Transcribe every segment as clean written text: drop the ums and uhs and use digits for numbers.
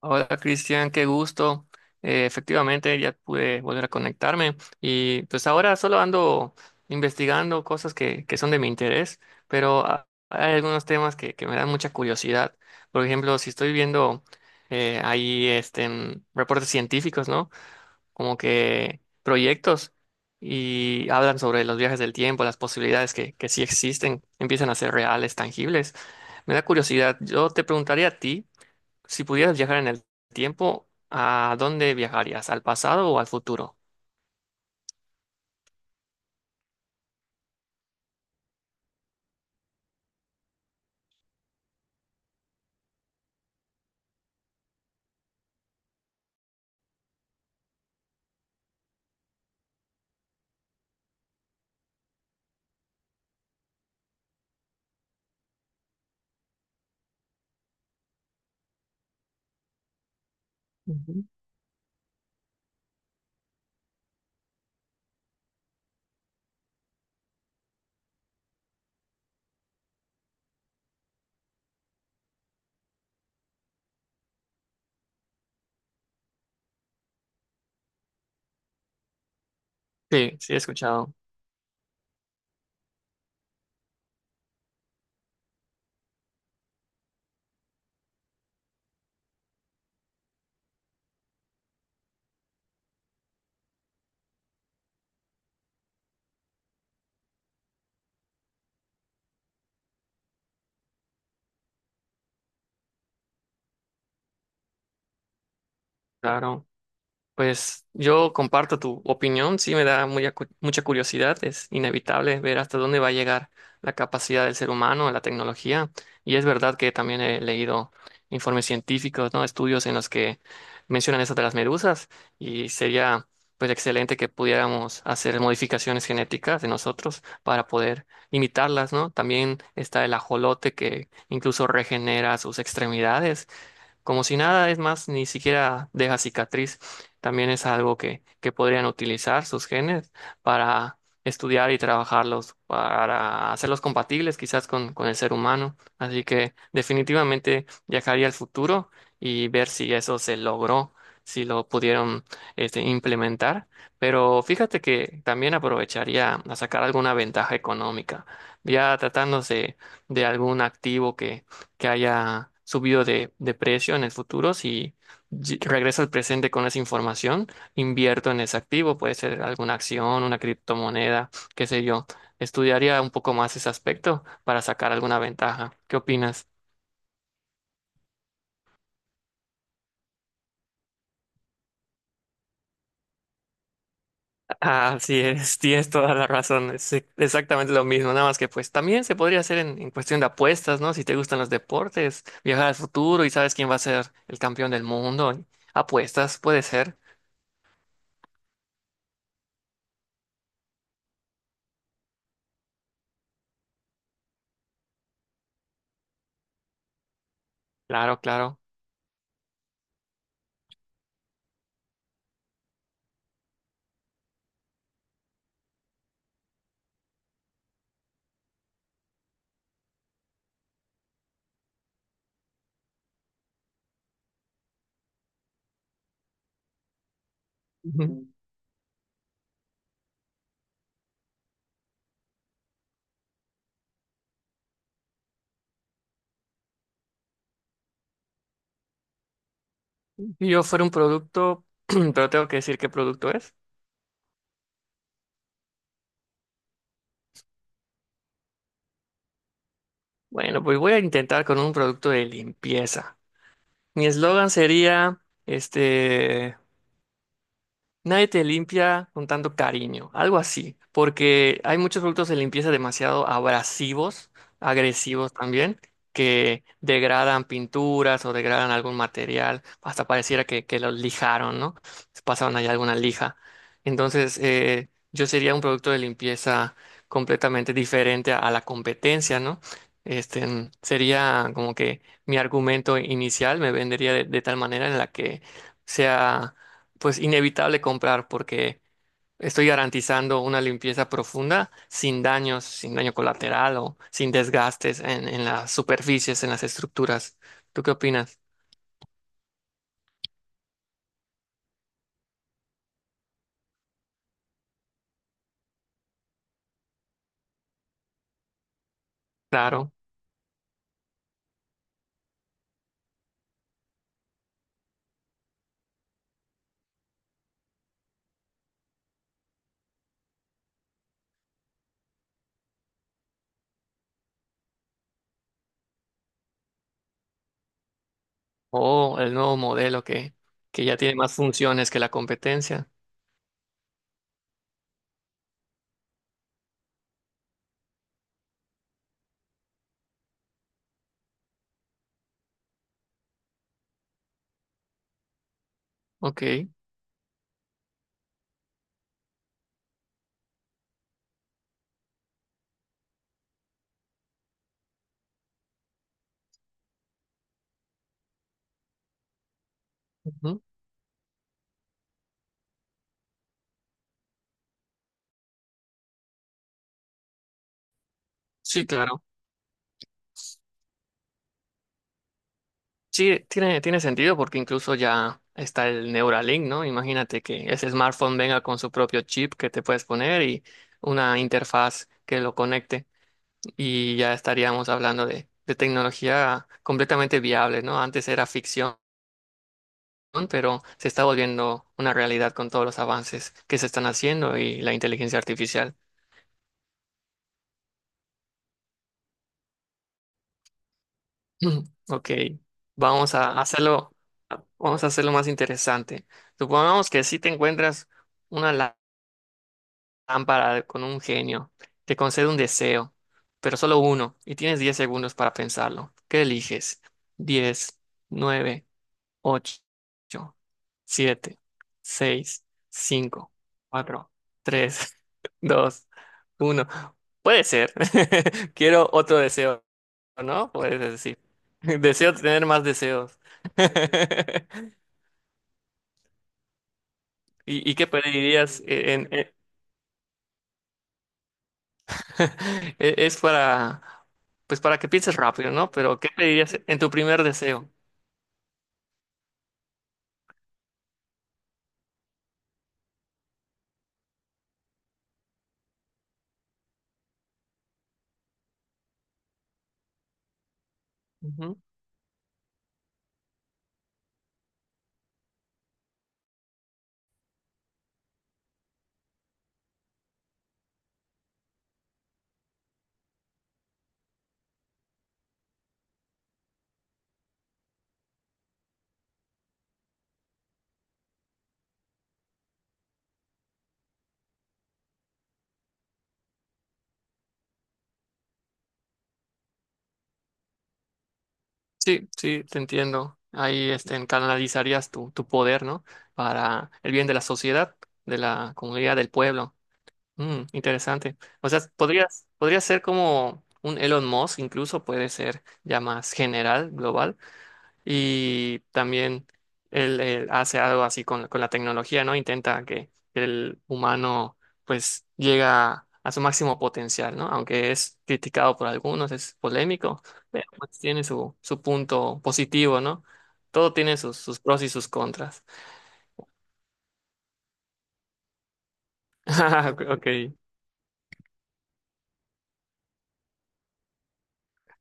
Hola Cristian, qué gusto. Efectivamente ya pude volver a conectarme y pues ahora solo ando investigando cosas que son de mi interés, pero hay algunos temas que me dan mucha curiosidad. Por ejemplo, si estoy viendo reportes científicos, ¿no? Como que proyectos y hablan sobre los viajes del tiempo, las posibilidades que sí existen, empiezan a ser reales, tangibles. Me da curiosidad. Yo te preguntaría a ti. Si pudieras viajar en el tiempo, ¿a dónde viajarías? ¿Al pasado o al futuro? Ujú. Sí, sí, he escuchado. Claro. Pues yo comparto tu opinión, sí me da mucha curiosidad, es inevitable ver hasta dónde va a llegar la capacidad del ser humano, la tecnología, y es verdad que también he leído informes científicos, ¿no? Estudios en los que mencionan eso de las medusas y sería pues excelente que pudiéramos hacer modificaciones genéticas de nosotros para poder imitarlas, ¿no? También está el ajolote que incluso regenera sus extremidades como si nada, es más, ni siquiera deja cicatriz. También es algo que podrían utilizar sus genes para estudiar y trabajarlos, para hacerlos compatibles quizás con el ser humano. Así que definitivamente viajaría al futuro y ver si eso se logró, si lo pudieron implementar. Pero fíjate que también aprovecharía a sacar alguna ventaja económica, ya tratándose de algún activo que haya subido de precio en el futuro, si regreso al presente con esa información, invierto en ese activo, puede ser alguna acción, una criptomoneda, qué sé yo. Estudiaría un poco más ese aspecto para sacar alguna ventaja. ¿Qué opinas? Así es, tienes toda la razón. Es exactamente lo mismo, nada más que pues también se podría hacer en cuestión de apuestas, ¿no? Si te gustan los deportes, viajar al futuro y sabes quién va a ser el campeón del mundo. Apuestas, puede ser. Claro, claro. Si yo fuera un producto, pero tengo que decir qué producto es. Bueno, pues voy a intentar con un producto de limpieza. Mi eslogan sería, este, nadie te limpia con tanto cariño, algo así, porque hay muchos productos de limpieza demasiado abrasivos, agresivos también, que degradan pinturas o degradan algún material, hasta pareciera que los lijaron, ¿no? Pasaron ahí alguna lija. Entonces, yo sería un producto de limpieza completamente diferente a la competencia, ¿no? Sería como que mi argumento inicial me vendería de tal manera en la que sea pues inevitable comprar porque estoy garantizando una limpieza profunda sin daños, sin daño colateral o sin desgastes en las superficies, en las estructuras. ¿Tú qué opinas? Claro. O el nuevo modelo que ya tiene más funciones que la competencia. Ok. Ujú. Sí, claro. Sí, tiene, tiene sentido porque incluso ya está el Neuralink, ¿no? Imagínate que ese smartphone venga con su propio chip que te puedes poner y una interfaz que lo conecte. Y ya estaríamos hablando de tecnología completamente viable, ¿no? Antes era ficción, pero se está volviendo una realidad con todos los avances que se están haciendo y la inteligencia artificial. Ok, vamos a hacerlo, vamos a hacerlo más interesante. Supongamos que si te encuentras una lámpara con un genio, te concede un deseo, pero solo uno, y tienes 10 segundos para pensarlo. ¿Qué eliges? 10, 9. Ocho, siete, seis, cinco, cuatro, tres, dos, uno. Puede ser. Quiero otro deseo, ¿no? Puedes decir. Deseo tener más deseos. ¿Y, y qué pedirías es para, pues para que pienses rápido, ¿no? Pero ¿qué pedirías en tu primer deseo? Ujú. Sí, sí, te entiendo. Ahí este, canalizarías tu, tu poder, ¿no? Para el bien de la sociedad, de la comunidad, del pueblo. Mm, interesante. O sea, podrías, podría ser como un Elon Musk, incluso puede ser ya más general, global y también él hace algo así con la tecnología, ¿no? Intenta que el humano pues llega a su máximo potencial, ¿no? Aunque es criticado por algunos, es polémico, pero pues tiene su, su punto positivo, ¿no? Todo tiene sus, sus pros y sus contras. Ok,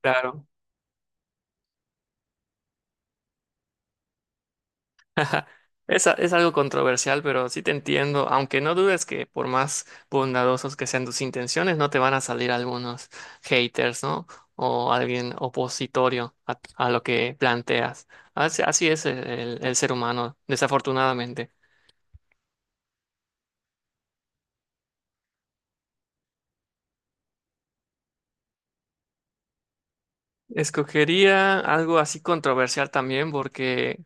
claro. Es, es algo controversial, pero sí te entiendo, aunque no dudes que por más bondadosos que sean tus intenciones, no te van a salir algunos haters, ¿no? O alguien opositorio a lo que planteas. Así, así es el ser humano, desafortunadamente. Escogería algo así controversial también porque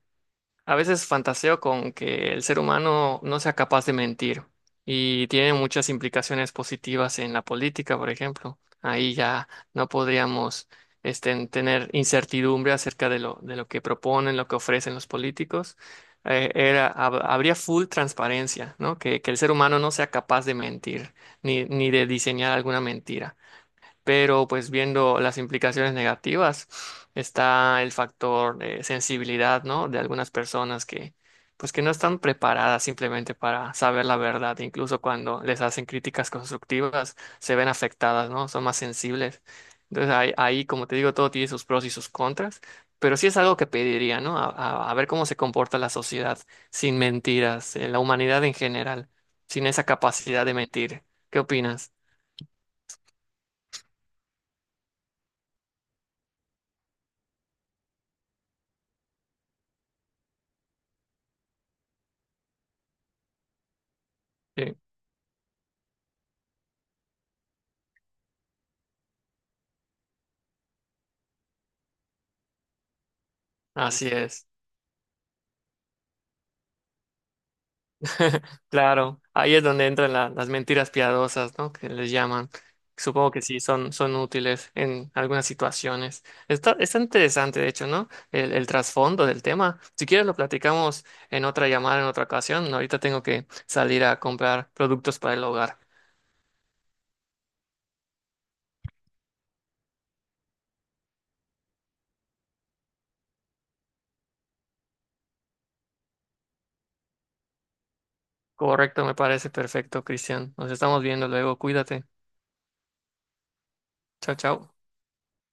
a veces fantaseo con que el ser humano no sea capaz de mentir y tiene muchas implicaciones positivas en la política, por ejemplo. Ahí ya no podríamos tener incertidumbre acerca de lo que proponen, lo que ofrecen los políticos. Habría full transparencia, ¿no? Que el ser humano no sea capaz de mentir ni de diseñar alguna mentira pero pues viendo las implicaciones negativas está el factor de sensibilidad, ¿no? De algunas personas que pues que no están preparadas simplemente para saber la verdad, incluso cuando les hacen críticas constructivas se ven afectadas, ¿no? Son más sensibles. Entonces ahí, ahí, como te digo, todo tiene sus pros y sus contras, pero sí es algo que pediría, ¿no? A, a ver cómo se comporta la sociedad sin mentiras, la humanidad en general, sin esa capacidad de mentir. ¿Qué opinas? Sí. Así es. Claro, ahí es donde entran las mentiras piadosas, ¿no? Que les llaman. Supongo que sí, son, son útiles en algunas situaciones. Está, está interesante, de hecho, ¿no? El trasfondo del tema. Si quieres, lo platicamos en otra llamada, en otra ocasión. Ahorita tengo que salir a comprar productos para el hogar. Correcto, me parece perfecto, Cristian. Nos estamos viendo luego. Cuídate. Chao, chao.